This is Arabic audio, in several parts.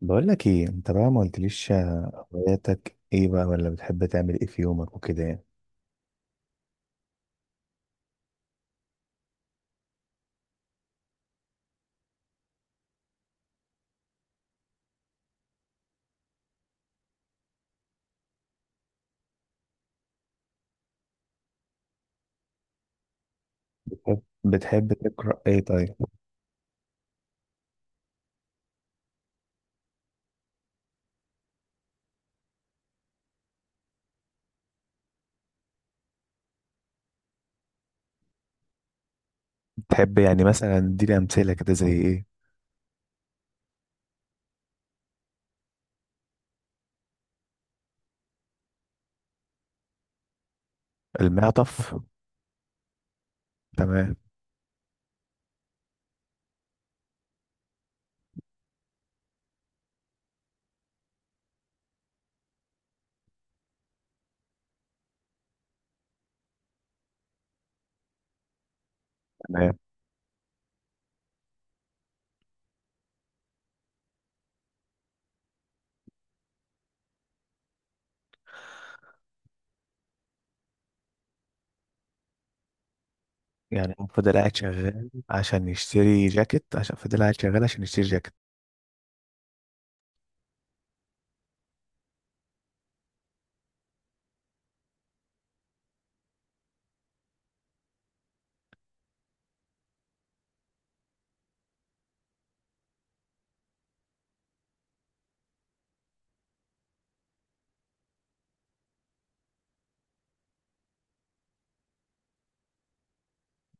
بقول لك ايه انت بقى ما قلتليش هواياتك ايه بقى ولا بتحب تعمل ايه في يومك وكده يعني. بتحب تقرا ايه؟ طيب. بتحب يعني مثلا اديني امثله كده زي ايه؟ المعطف. تمام. تمام. يعني هو فضل قاعد شغال عشان يشتري جاكيت عشان فضل قاعد شغال عشان يشتري جاكيت.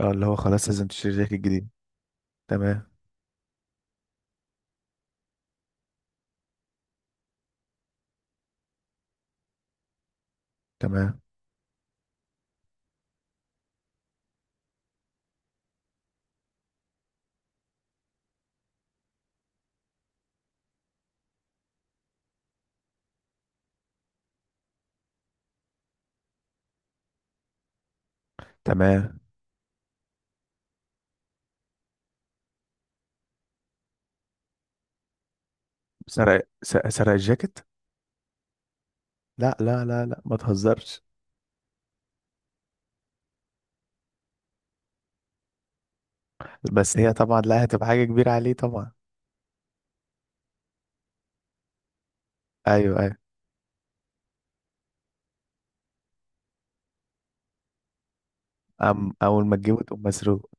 اه اللي هو خلاص لازم تشتري جاكيت جديد. تمام. تمام. تمام. سرق الجاكيت؟ لا، لا، لا، لا، ما تهزرش. بس هي طبعا لا هتبقى حاجه كبيره عليه طبعا. ايوه. أيوه. أول ما تجيبه تقوم مسروق؟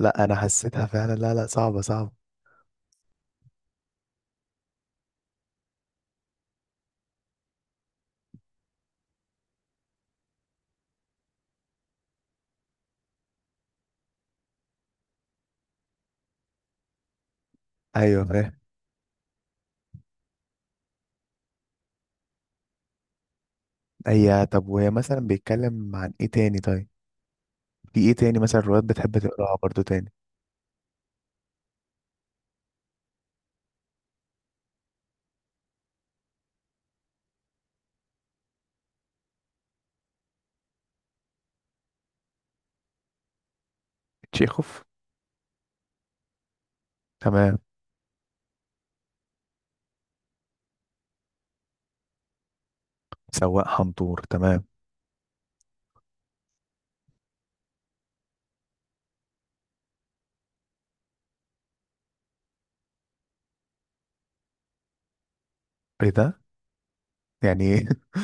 لا، أنا حسيتها فعلا، لا، لا، صعبة، صعبة. أيوة، فاهم. هي طب وهي مثلا بيتكلم عن إيه تاني؟ طيب. في إيه تاني مثلا روايات بتحب تقراها برضو تاني؟ تشيخوف. تمام. سواق حنطور. تمام. إيه ده؟ يعني إيه؟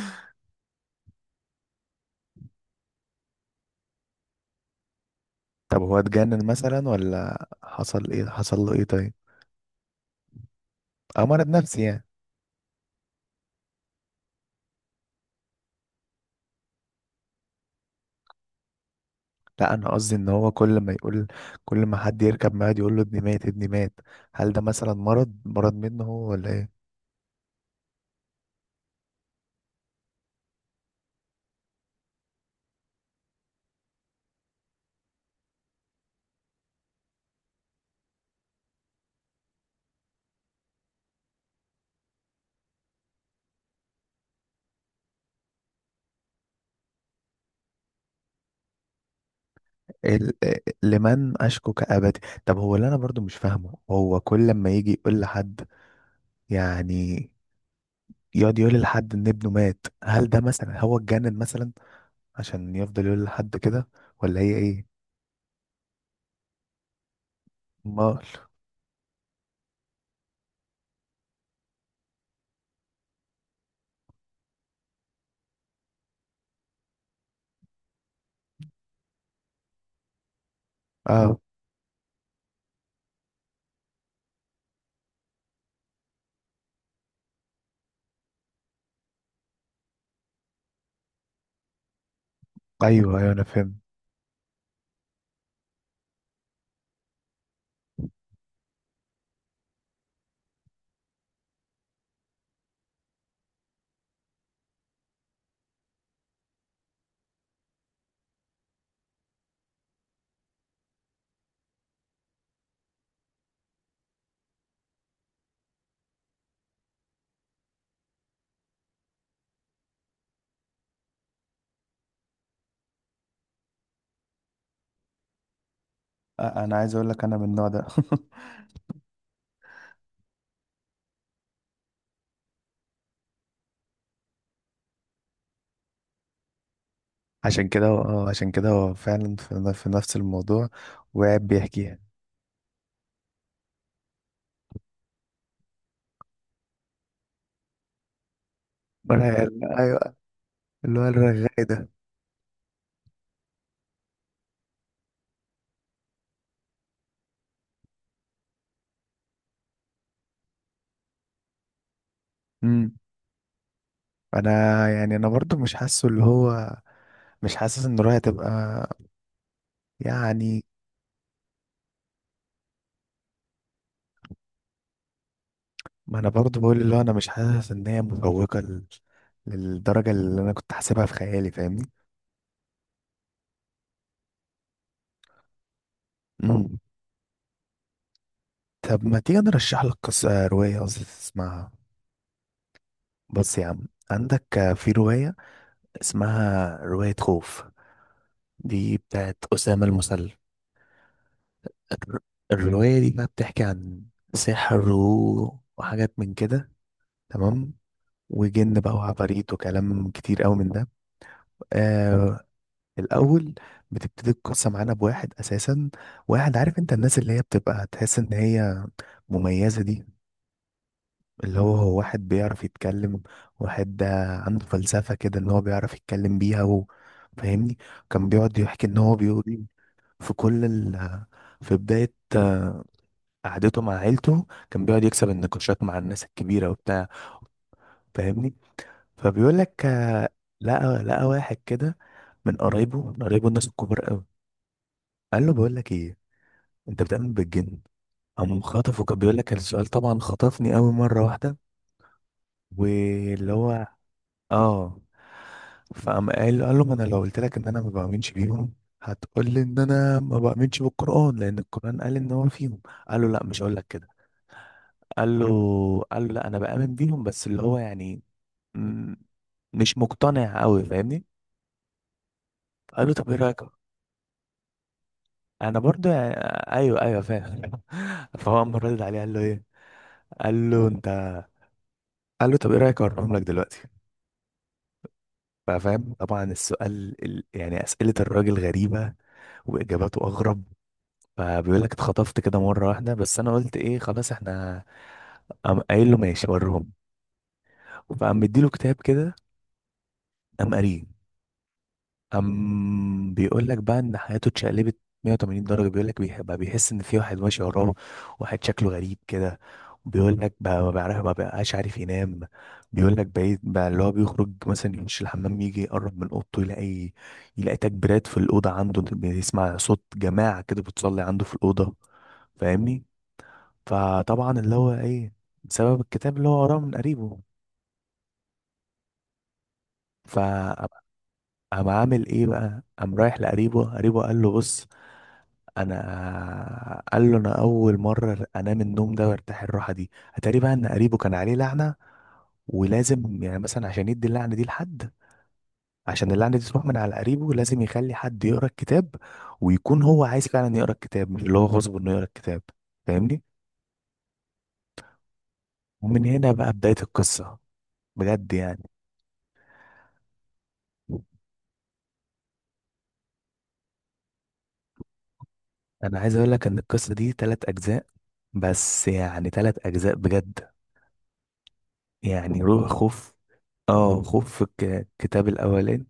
طب هو اتجنن مثلا ولا حصل إيه، حصل له إيه؟ طيب. أو مرض نفسي يعني؟ لا، أنا قصدي إن هو كل ما يقول، كل ما حد يركب معاه يقول له ابني مات، ابني مات، هل ده مثلا مرض منه هو ولا إيه؟ ال- لمن أشكو كأبدي. طب هو اللي أنا برضو مش فاهمه، هو كل ما يجي يقول لحد، يعني يقعد يقول لحد إن ابنه مات، هل ده مثلا هو اتجنن مثلا عشان يفضل يقول لحد كده، ولا هي إيه؟ أمال. آه. أيوه، أيوه، أنا فهمت. أنا عايز أقول لك أنا من النوع ده. عشان كده هو عشان كده هو فعلا في نفس الموضوع وقاعد بيحكيها. مرعب. أيوه. اللي هو الرغاي ده. أمم. أنا يعني أنا برضو مش حاسه اللي هو مش حاسس ان رؤيا تبقى يعني. ما انا برضو بقول اللي هو انا مش حاسس ان هي مفوقة للدرجة اللي انا كنت حاسبها في خيالي. فاهمني؟ مم. طب ما تيجي نرشح لك قصة، رواية قصدي، تسمعها؟ بص يا عم، عندك في رواية اسمها رواية خوف، دي بتاعت أسامة المسلم. الر- الرواية دي بقى بتحكي عن سحر وحاجات من كده، تمام، وجن بقى وعفاريت وكلام كتير قوي من ده. آه. الاول بتبتدي القصه معانا بواحد اساسا، واحد، عارف انت الناس اللي هي بتبقى تحس ان هي مميزه دي، اللي هو هو واحد بيعرف يتكلم، واحد عنده فلسفه كده ان هو بيعرف يتكلم بيها و... فاهمني. كان بيقعد يحكي ان هو بيقول في كل في بدايه قعدته مع عيلته، كان بيقعد يكسب النقاشات مع الناس الكبيره وبتاع، فاهمني. فبيقول لك لقى واحد كده من قرايبه، من قرايبه الناس الكبار قوي، قال له بقول لك ايه، انت بتؤمن بالجن؟ قام خطفه، كان بيقول لك السؤال طبعا خطفني قوي مره واحده، واللي هو اه، فقام قال له ما انا لو قلت لك ان انا ما بؤمنش بيهم، هتقول لي ان انا ما بؤمنش بالقران لان القران قال ان هو فيهم. قال له لا مش هقول لك كده، قال له قال له لا انا بامن بيهم بس اللي هو يعني م- مش مقتنع قوي فاهمني. قال له طب ايه رايك؟ انا برضو ايوه، ايوه، فاهم. فهو قام رد عليه، قال له ايه، قال له انت، قال له طب ايه رايك اقربهم لك دلوقتي؟ ففاهم طبعا السؤال يعني اسئله الراجل غريبه واجاباته اغرب. فبيقول لك اتخطفت كده مره واحده بس انا قلت ايه خلاص احنا، قام قايل له ماشي وريهم. فقام مديله كتاب كده، قام قاريه. بيقول لك بقى إن حياته اتشقلبت 180 درجة. بيقول لك بقى بيحس إن في واحد ماشي وراه، واحد شكله غريب كده. بيقول لك بقى ما بقاش عارف ينام. بيقول لك بقيت بقى اللي هو بيخرج مثلا يخش الحمام، يجي يقرب من أوضته، يلاقي تكبيرات في الأوضة عنده، بيسمع صوت جماعة كده بتصلي عنده في الأوضة، فاهمني. فطبعا اللي هو إيه؟ بسبب الكتاب اللي هو وراه من قريبه. فقام عامل ايه بقى، قام رايح لقريبه، قريبه، قال له بص، انا قال له انا اول مره انام النوم ده وارتاح الراحه دي. اتاري بقى ان قريبه كان عليه لعنه، ولازم يعني مثلا عشان يدي اللعنه دي لحد، عشان اللعنه دي تروح من على قريبه لازم يخلي حد يقرا الكتاب، ويكون هو عايز فعلا يقرا الكتاب مش اللي هو غصب انه يقرا الكتاب، فاهمني. ومن هنا بقى بدايه القصه، بجد يعني. انا عايز اقول لك ان القصه دي ثلاث اجزاء، بس يعني ثلاث اجزاء بجد يعني، روح خوف. اه خوف في الكتاب الاولاني.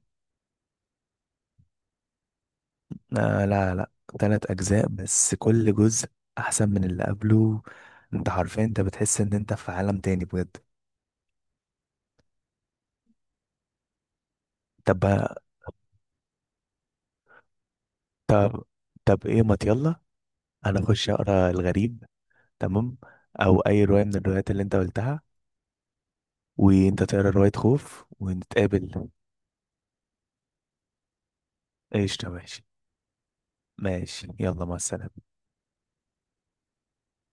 آه لا، لا، تلات أجزاء بس كل جزء أحسن من اللي قبله. أنت حرفيا أنت بتحس إن أنت في عالم تاني بجد. طب بقى- طب طب إيه، ما يلا، أنا أخش أقرأ الغريب، تمام، أو أي رواية من الروايات اللي أنت قلتها، وأنت تقرأ رواية خوف ونتقابل. قشطة، ماشي. ماشي، يلا، مع السلامة.